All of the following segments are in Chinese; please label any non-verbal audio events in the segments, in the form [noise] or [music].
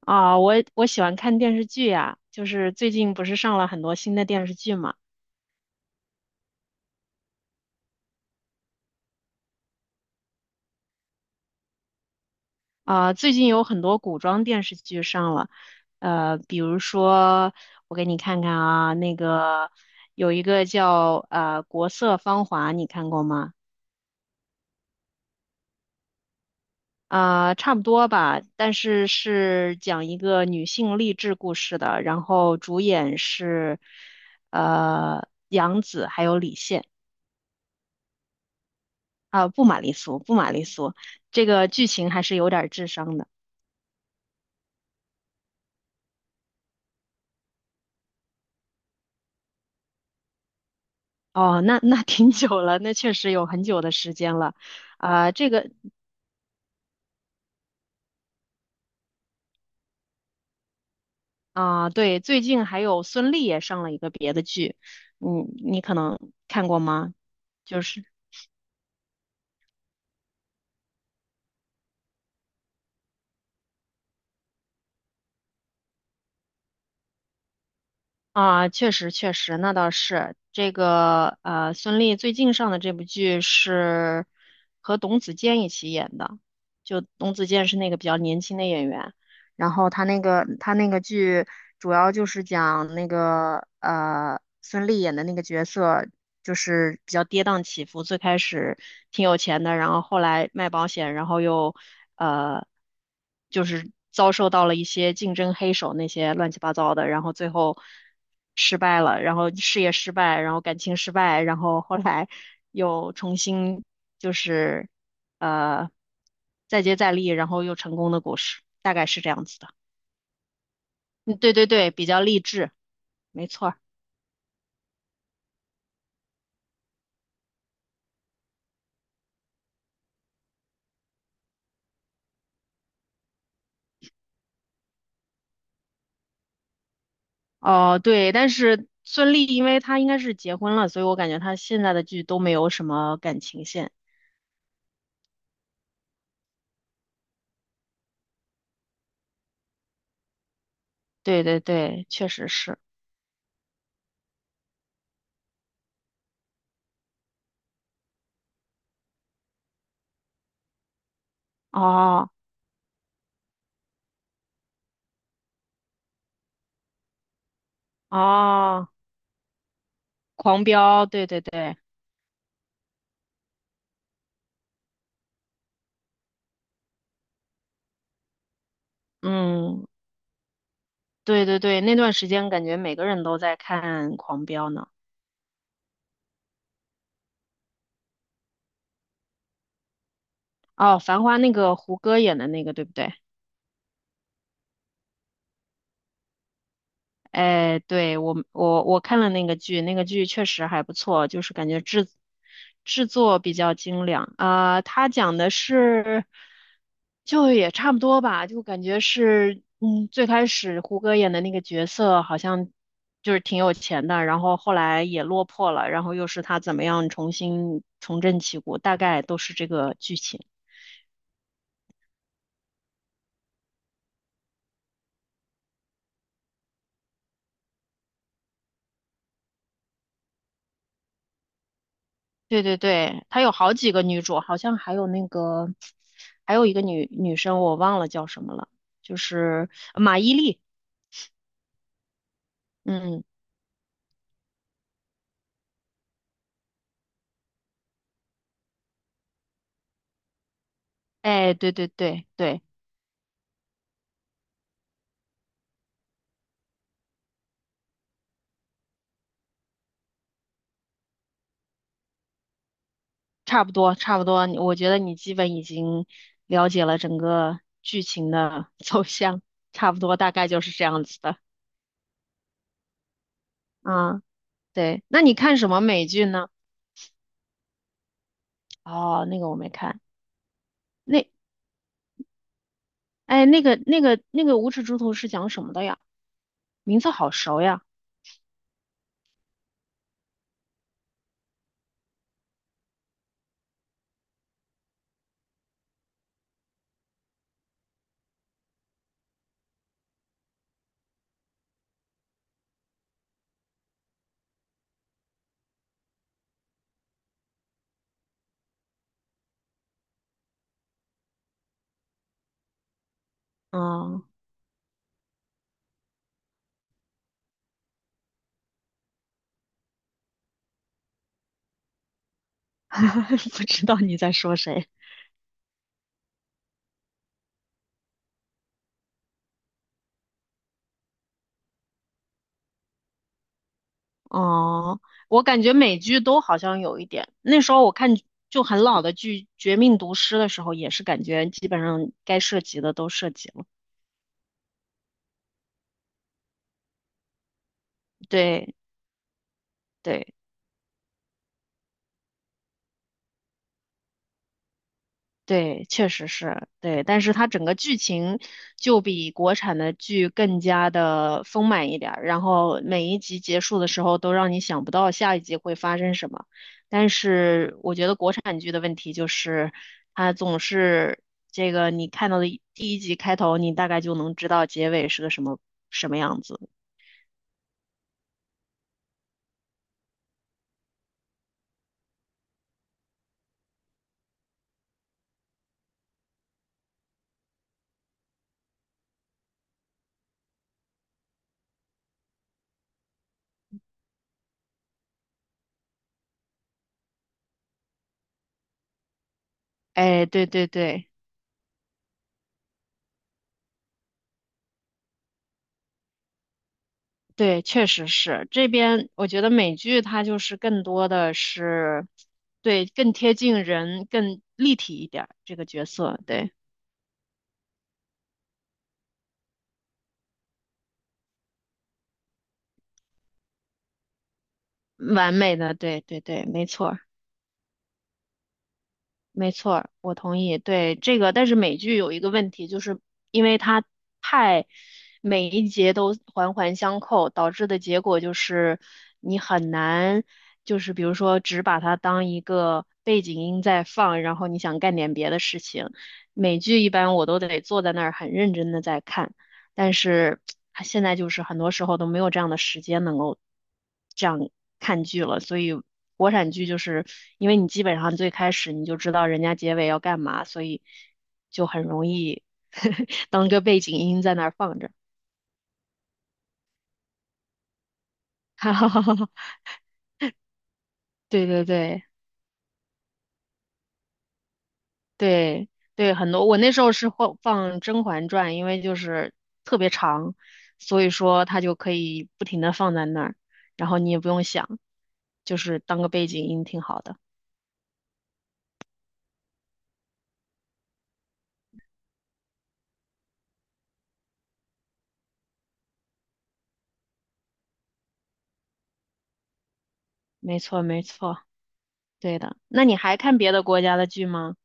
啊，我喜欢看电视剧呀，就是最近不是上了很多新的电视剧嘛？啊，最近有很多古装电视剧上了，比如说我给你看看啊，那个有一个叫《国色芳华》，你看过吗？啊，差不多吧，但是是讲一个女性励志故事的，然后主演是杨紫还有李现。啊，不玛丽苏，不玛丽苏，这个剧情还是有点儿智商的。哦，那挺久了，那确实有很久的时间了。啊、这个啊、对，最近还有孙俪也上了一个别的剧，嗯，你可能看过吗？就是啊、确实确实，那倒是这个孙俪最近上的这部剧是和董子健一起演的，就董子健是那个比较年轻的演员。然后他那个剧主要就是讲那个孙俪演的那个角色，就是比较跌宕起伏，最开始挺有钱的，然后后来卖保险，然后又呃就是遭受到了一些竞争黑手那些乱七八糟的，然后最后失败了，然后事业失败，然后感情失败，然后后来又重新就是呃。再接再厉，然后又成功的故事，大概是这样子的。嗯，对对对，比较励志，没错儿。哦，对，但是孙俪因为她应该是结婚了，所以我感觉她现在的剧都没有什么感情线。对对对，确实是。哦。哦，狂飙，对对对，嗯，对对对，那段时间感觉每个人都在看狂飙呢。哦，繁花那个胡歌演的那个，对不对？哎，对，我看了那个剧，那个剧确实还不错，就是感觉制作比较精良啊。它讲的是，就也差不多吧，就感觉是，嗯，最开始胡歌演的那个角色好像就是挺有钱的，然后后来也落魄了，然后又是他怎么样重新重振旗鼓，大概都是这个剧情。对对对，她有好几个女主，好像还有那个，还有一个女生，我忘了叫什么了，就是马伊琍。嗯，哎，对对对对，差不多差不多，我觉得你基本已经了解了整个剧情的 [laughs] 走向，差不多大概就是这样子的。嗯，对，那你看什么美剧呢？哦，那个我没看，那哎，那个《无耻猪头》是讲什么的呀？名字好熟呀。嗯。[laughs] 不知道你在说谁。哦，我感觉美剧都好像有一点。那时候我看就很老的剧《绝命毒师》的时候，也是感觉基本上该涉及的都涉及了。对对。对，确实是，对，但是它整个剧情就比国产的剧更加的丰满一点儿，然后每一集结束的时候都让你想不到下一集会发生什么。但是我觉得国产剧的问题就是，它总是这个你看到的一第一集开头，你大概就能知道结尾是个什么样子。哎，对对对。对，确实是这边，我觉得美剧它就是更多的是，对，更贴近人，更立体一点儿，这个角色，对，完美的，对对对，没错。没错儿我同意。对这个，但是美剧有一个问题，就是因为它太每一节都环环相扣，导致的结果就是你很难，就是比如说只把它当一个背景音在放，然后你想干点别的事情。美剧一般我都得坐在那儿很认真的在看。但是现在就是很多时候都没有这样的时间能够这样看剧了，所以国产剧就是因为你基本上最开始你就知道人家结尾要干嘛，所以就很容易 [laughs] 当个背景音在那儿放着。[laughs] 对对对对对，很多我那时候是放《甄嬛传》，因为就是特别长，所以说它就可以不停的放在那儿，然后你也不用想，就是当个背景音挺好的。没错，没错，对的。那你还看别的国家的剧吗？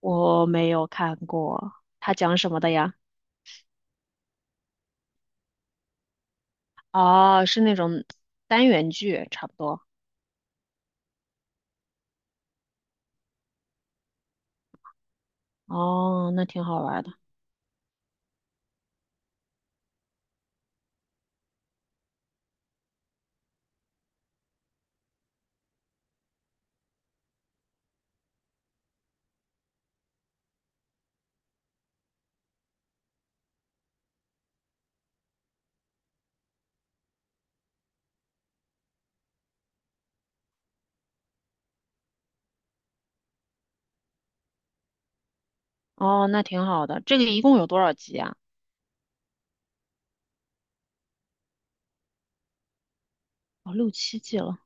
我没有看过，它讲什么的呀？哦，是那种单元剧，差不多。哦，那挺好玩的。哦，那挺好的。这个一共有多少集啊？哦，六七季了。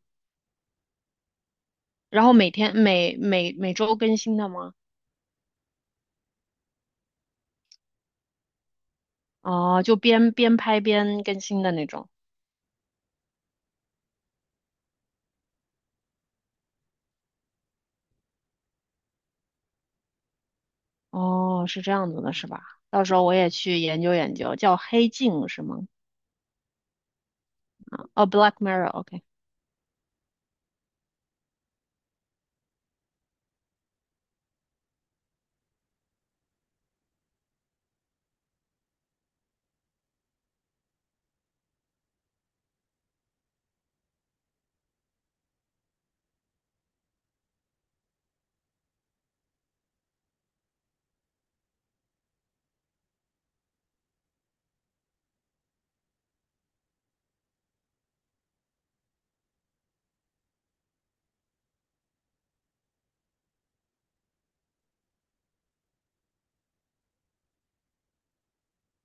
然后每天每每周更新的吗？哦，就边拍边更新的那种。哦，是这样子的，是吧？到时候我也去研究研究，叫《黑镜》是吗？哦，《Black Mirror》,OK。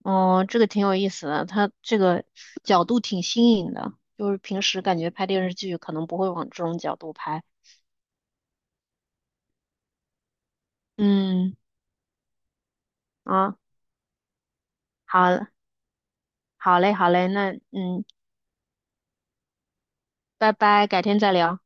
哦，这个挺有意思的，它这个角度挺新颖的，就是平时感觉拍电视剧可能不会往这种角度拍。嗯，啊，好，好嘞，好嘞，那嗯，拜拜，改天再聊。